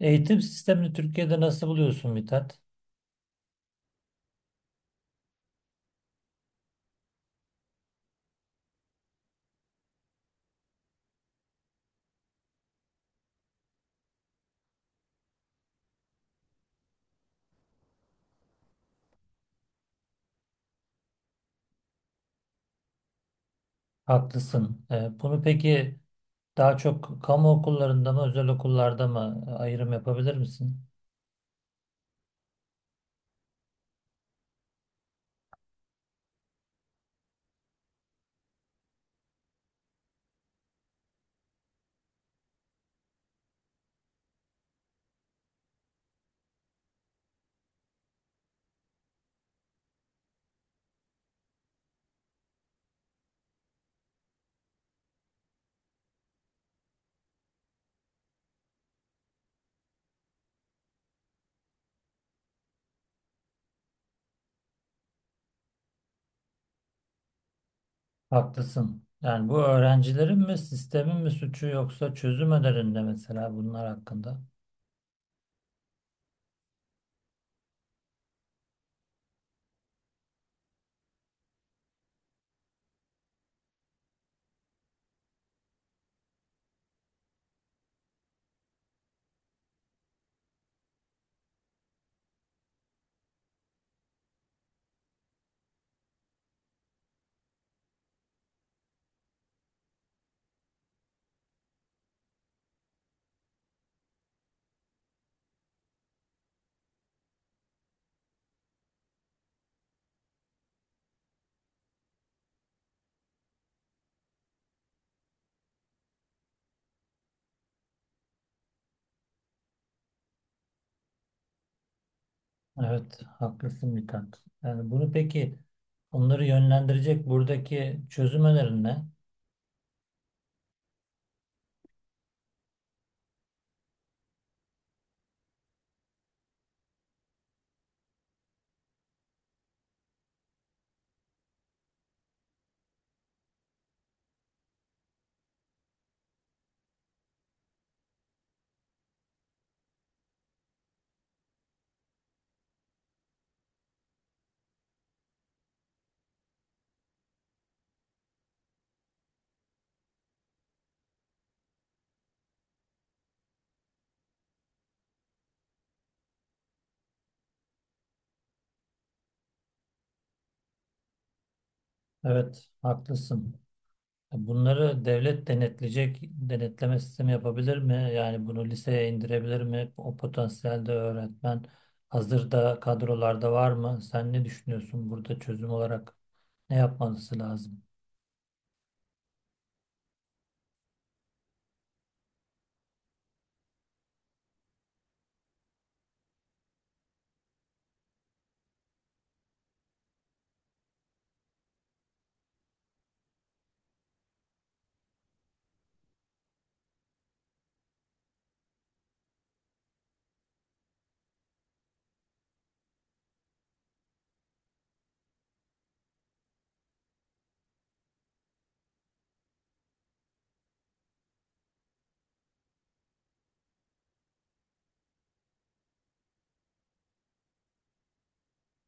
Eğitim sistemini Türkiye'de nasıl buluyorsun Mithat? Haklısın. Bunu peki daha çok kamu okullarında mı, özel okullarda mı ayrım yapabilir misin? Haklısın. Yani bu öğrencilerin mi, sistemin mi suçu yoksa çözüm önerinde mesela bunlar hakkında? Evet, haklısın Mithat. Yani bunu peki onları yönlendirecek buradaki çözüm önerin ne? Evet, haklısın. Bunları devlet denetleyecek, denetleme sistemi yapabilir mi? Yani bunu liseye indirebilir mi? O potansiyelde öğretmen hazırda kadrolarda var mı? Sen ne düşünüyorsun burada çözüm olarak ne yapması lazım?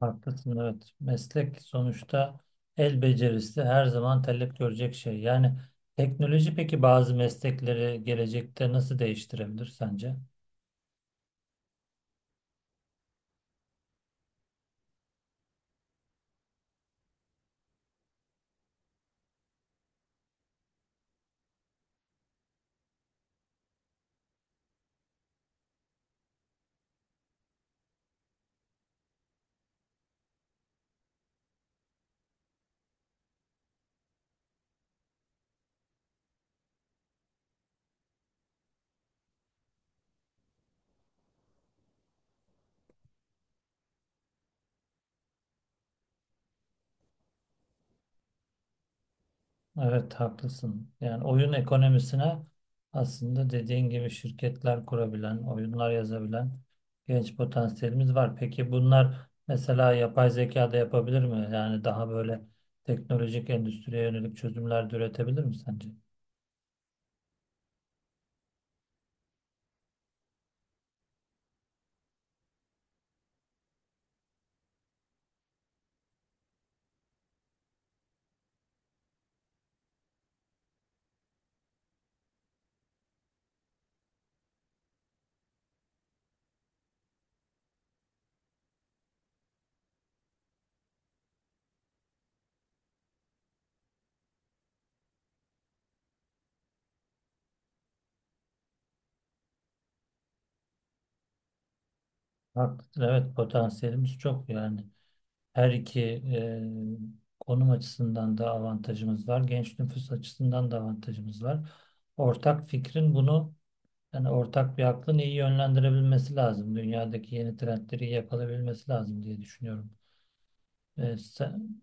Haklısın, evet. Meslek sonuçta el becerisi her zaman talep görecek şey. Yani teknoloji peki bazı meslekleri gelecekte nasıl değiştirebilir sence? Evet, haklısın. Yani oyun ekonomisine aslında dediğin gibi şirketler kurabilen, oyunlar yazabilen genç potansiyelimiz var. Peki bunlar mesela yapay zeka da yapabilir mi? Yani daha böyle teknolojik endüstriye yönelik çözümler de üretebilir mi sence? Haklısın. Evet, potansiyelimiz çok yani. Her iki konum açısından da avantajımız var. Genç nüfus açısından da avantajımız var. Ortak fikrin bunu, yani ortak bir aklın iyi yönlendirebilmesi lazım. Dünyadaki yeni trendleri iyi yakalayabilmesi lazım diye düşünüyorum. Sen,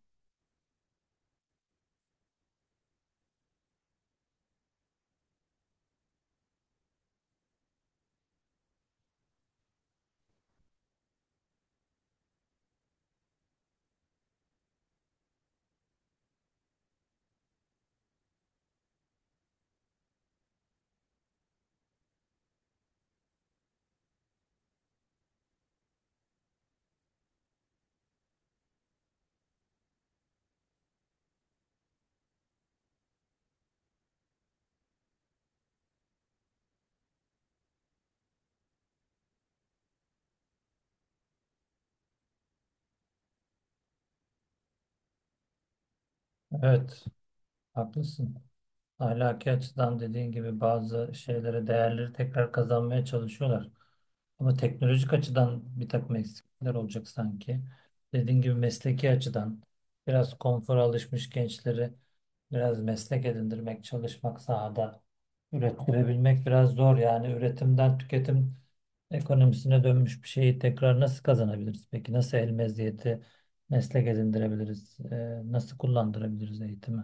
evet, haklısın. Ahlaki açıdan dediğin gibi bazı şeylere, değerleri tekrar kazanmaya çalışıyorlar. Ama teknolojik açıdan bir takım eksiklikler olacak sanki. Dediğin gibi mesleki açıdan biraz konfora alışmış gençleri biraz meslek edindirmek, çalışmak sahada. Ürettirebilmek biraz zor, yani üretimden tüketim ekonomisine dönmüş bir şeyi tekrar nasıl kazanabiliriz? Peki nasıl el meziyeti meslek edindirebiliriz? Nasıl kullandırabiliriz eğitimi?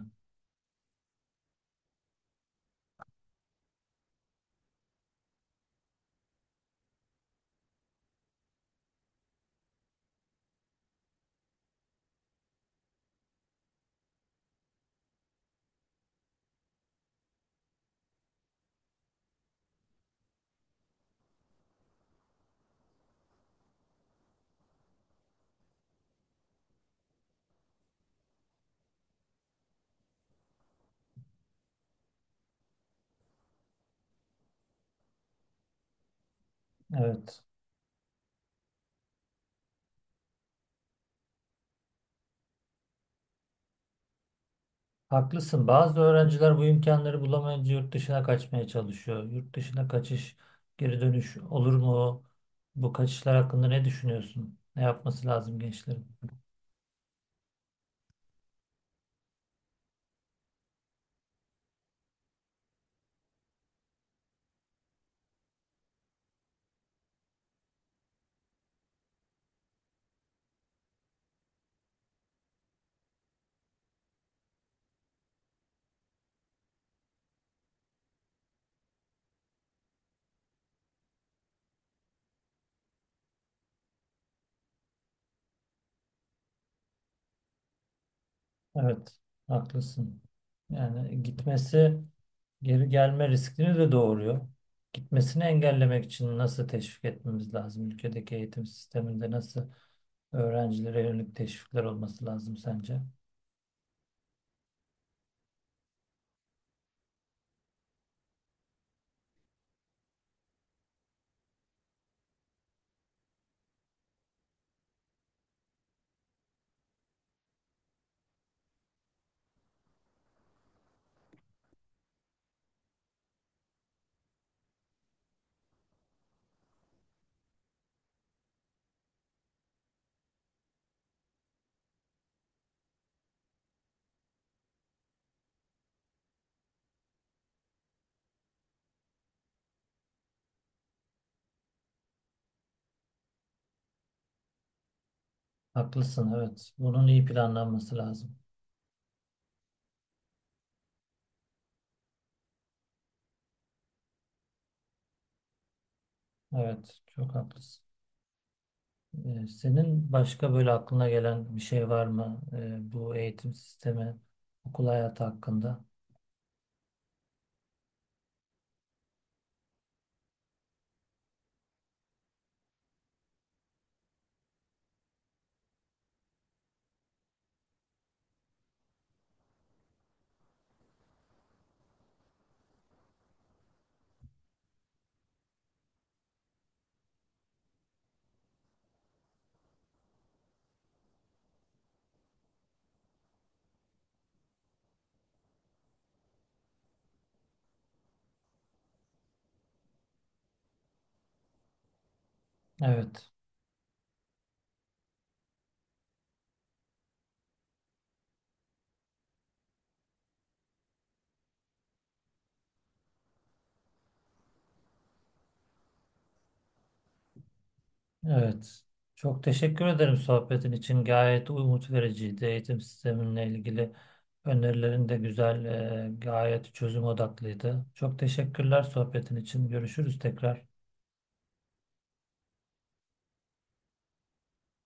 Evet. Haklısın. Bazı öğrenciler bu imkanları bulamayınca yurt dışına kaçmaya çalışıyor. Yurt dışına kaçış, geri dönüş olur mu? Bu kaçışlar hakkında ne düşünüyorsun? Ne yapması lazım gençlerin? Evet, haklısın. Yani gitmesi geri gelme riskini de doğuruyor. Gitmesini engellemek için nasıl teşvik etmemiz lazım? Ülkedeki eğitim sisteminde nasıl öğrencilere yönelik teşvikler olması lazım sence? Haklısın, evet. Bunun iyi planlanması lazım. Evet, çok haklısın. Senin başka böyle aklına gelen bir şey var mı? Bu eğitim sistemi, okul hayatı hakkında? Evet. Evet. Çok teşekkür ederim sohbetin için. Gayet umut vericiydi. Eğitim sisteminle ilgili önerilerin de güzel, gayet çözüm odaklıydı. Çok teşekkürler sohbetin için. Görüşürüz tekrar.